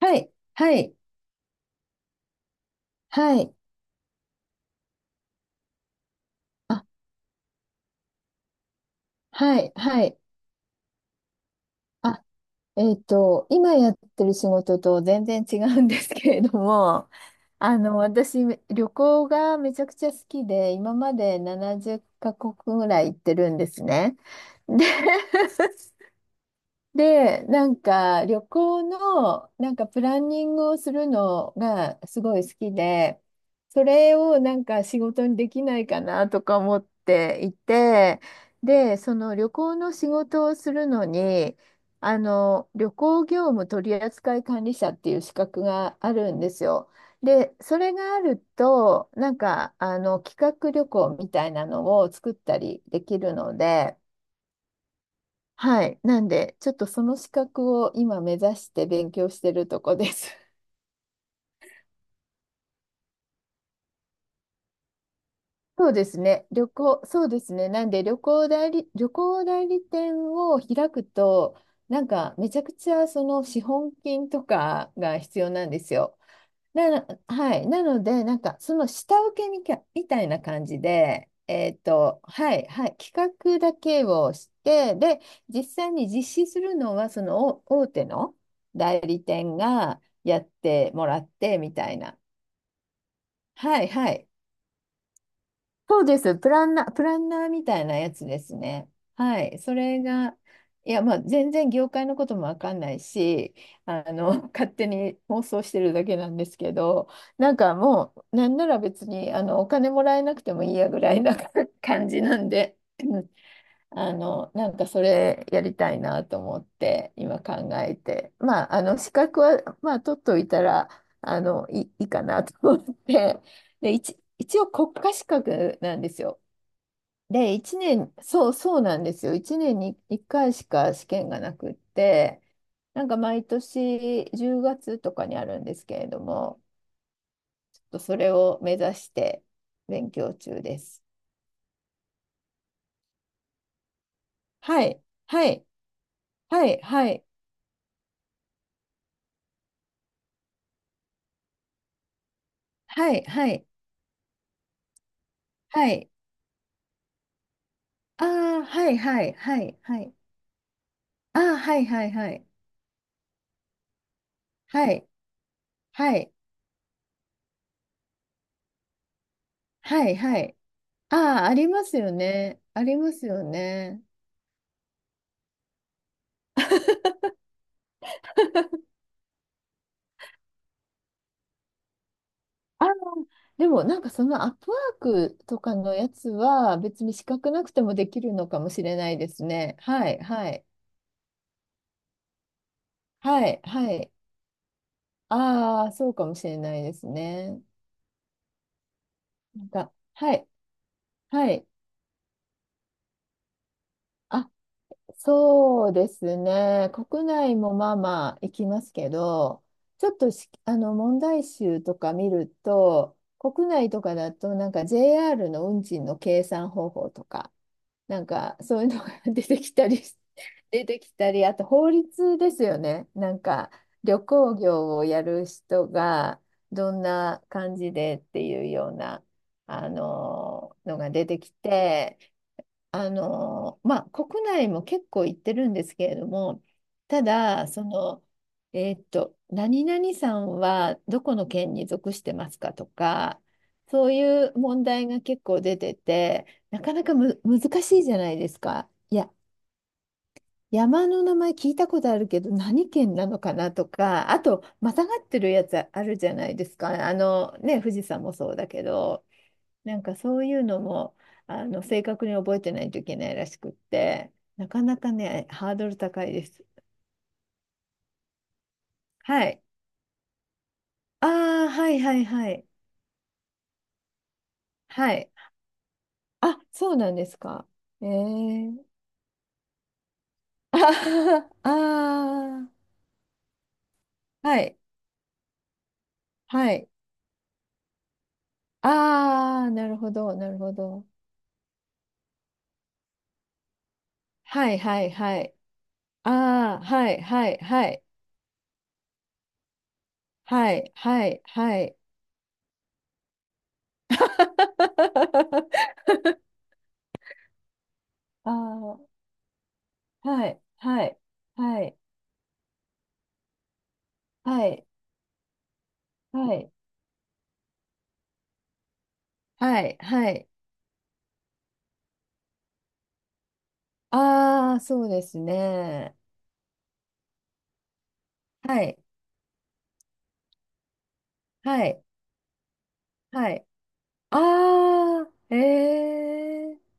はい、はい、はい、あ、はい、はい。あ、今やってる仕事と全然違うんですけれども、私、旅行がめちゃくちゃ好きで、今まで70カ国ぐらい行ってるんですね。で、で、なんか旅行のなんかプランニングをするのがすごい好きで、それをなんか仕事にできないかなとか思っていて、で、その旅行の仕事をするのに、あの旅行業務取扱管理者っていう資格があるんですよ。で、それがあると、なんかあの企画旅行みたいなのを作ったりできるので、はい。なんで、ちょっとその資格を今目指して勉強してるとこです。そうですね。旅行、そうですね。なんで旅行代理店を開くと、なんかめちゃくちゃその資本金とかが必要なんですよ。はい。なので、なんか、その下請けみたいな感じで、はい、はい、企画だけをして、で、実際に実施するのは、その大手の代理店がやってもらって、みたいな。はい、はい。そうです。プランナーみたいなやつですね。はい。それが、いや、まあ、全然業界のこともわかんないし、あの、勝手に妄想してるだけなんですけど、なんかもう、なんなら別に、お金もらえなくてもいいやぐらいな 感じなんでなんかそれやりたいなと思って今考えて、まあ、あの資格は、まあ、取っといたらいいかなと思って、で、一応国家資格なんですよ。で、1年、そう、そうなんですよ。1年に1回しか試験がなくって、なんか毎年10月とかにあるんですけれども、ちょっとそれを目指して勉強中です。はい、はい、はい、はい、はい、はい。はい、ああ、はいはいはいはい。ああ、はいはいはい。はいはいはいはい。ああ、ありますよね。ありますよね。あのでもなんかそのアップワークとかのやつは別に資格なくてもできるのかもしれないですね。はいはいはいはい。ああ、そうかもしれないですね。なんか、はいはい。あ、そうですね。国内もまあまあ行きますけど、ちょっとし、あの問題集とか見ると、国内とかだとなんか JR の運賃の計算方法とか、なんかそういうのが 出てきたりし、出てきたり、あと法律ですよね。なんか旅行業をやる人がどんな感じでっていうような、あののが出てきて、まあ、国内も結構行ってるんですけれども、ただ、何々さんはどこの県に属してますかとか、そういう問題が結構出てて、なかなか難しいじゃないですか。いや、山の名前聞いたことあるけど、何県なのかなとか、あと、またがってるやつあるじゃないですか。ね、富士山もそうだけど。なんかそういうのも正確に覚えてないといけないらしくって、なかなかね、ハードル高いです。はい。ああ、はいはいはい。はい。あ、そうなんですか。ええー、あー、 あー、はい。はい。ああ、なるほど、なるほど。はいはいはい。ああ、はいはいはい。はいはいはい。ああ、はいはいはい。はい。はい、はい、はい。ああ、そうですね。はい、はい、はい。ああ、ええ、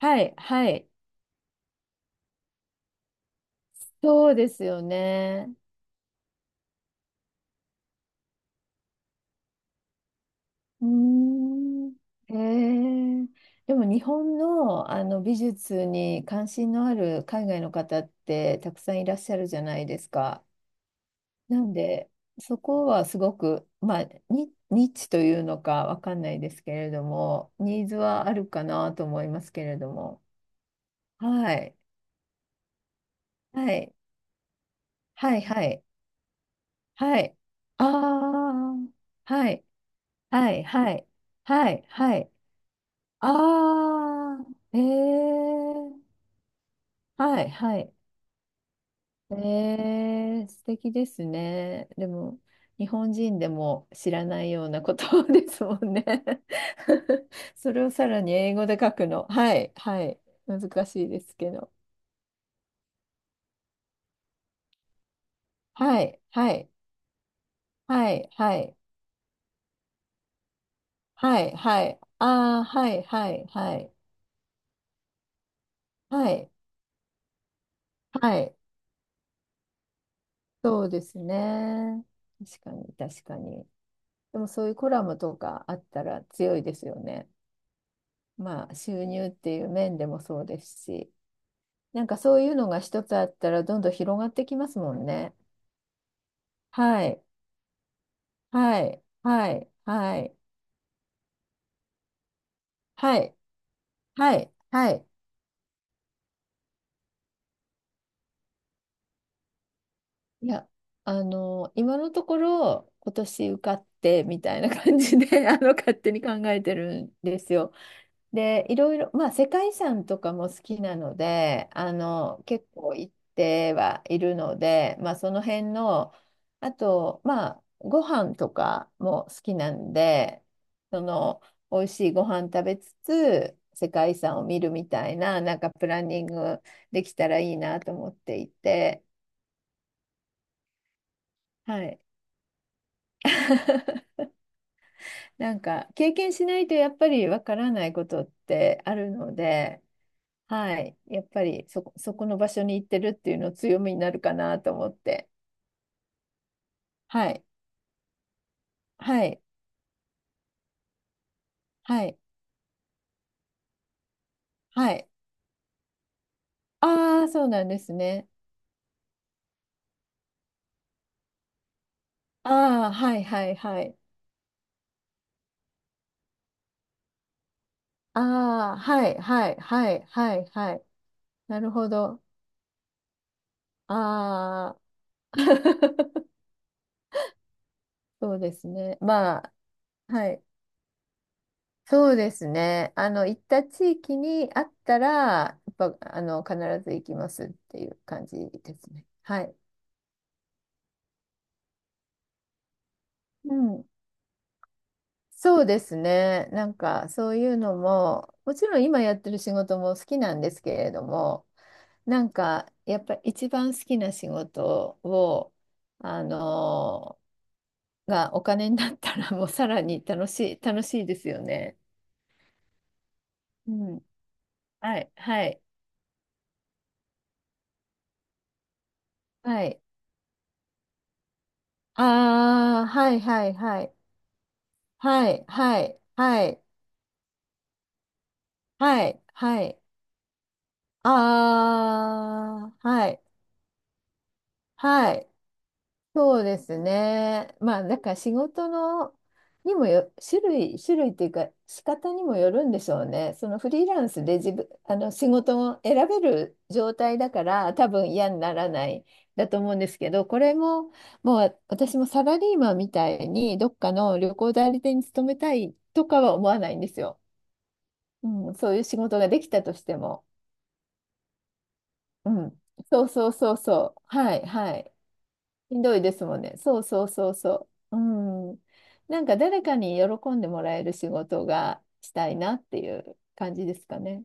はい、はい。そうですよね。うーん。ええ、でも日本の、あの美術に関心のある海外の方ってたくさんいらっしゃるじゃないですか。なんで、そこはすごく、まあ、ニッチというのかわかんないですけれども、ニーズはあるかなと思いますけれども。はい。はい。はい。はい。はい。ああ。はい。はい。はい。はい。はい。ああ。ええ。はい。はい。えー、素敵ですね。でも、日本人でも知らないようなことですもんね。それをさらに英語で書くの。はい、はい。難しいですけど。はい、はい、はい、はい、はい、はい。ああ、はい、はい、はい、はい、はい。そうですね。確かに、確かに。でもそういうコラムとかあったら強いですよね。まあ、収入っていう面でもそうですし。なんかそういうのが一つあったらどんどん広がってきますもんね。はい。はい。はい。はい。はい。はい。はい。いや、今のところ今年受かってみたいな感じで、勝手に考えてるんですよ。で、いろいろ、まあ、世界遺産とかも好きなので、結構行ってはいるので、まあ、その辺の、あと、まあ、ご飯とかも好きなんで、その、美味しいご飯食べつつ、世界遺産を見るみたいな、なんかプランニングできたらいいなと思っていて、はい。なんか、経験しないとやっぱりわからないことってあるので、はい。やっぱりそこの場所に行ってるっていうの強みになるかなと思って。はい。はい。はい。はい。ああ、そうなんですね。ああ、はいはいはい。ああ、はいはいはいはいはい。なるほど。ああ。そうですね。まあ、はい。そうですね。行った地域にあったら、やっぱ、必ず行きますっていう感じですね。はい。うん。そうですね。なんかそういうのも、もちろん今やってる仕事も好きなんですけれども、なんかやっぱり一番好きな仕事を、あのがお金になったらもうさらに楽しい、楽しいですよね。うん。はい、はい、はい。ああ、はい、はい、はい。はい、はい、はい、はい、はい。ああ、はい、はい。そうですね。まあ、だから仕事のにもよ、種類っていうか、仕方にもよるんでしょうね。そのフリーランスで自分、あの仕事を選べる状態だから、多分嫌にならないだと思うんですけど、これも、もう私もサラリーマンみたいに、どっかの旅行代理店に勤めたいとかは思わないんですよ。うん、そういう仕事ができたとしても。うん、そうそうそうそう。はいはい。しんどいですもんね。そうそうそうそう。うん。なんか誰かに喜んでもらえる仕事がしたいなっていう感じですかね。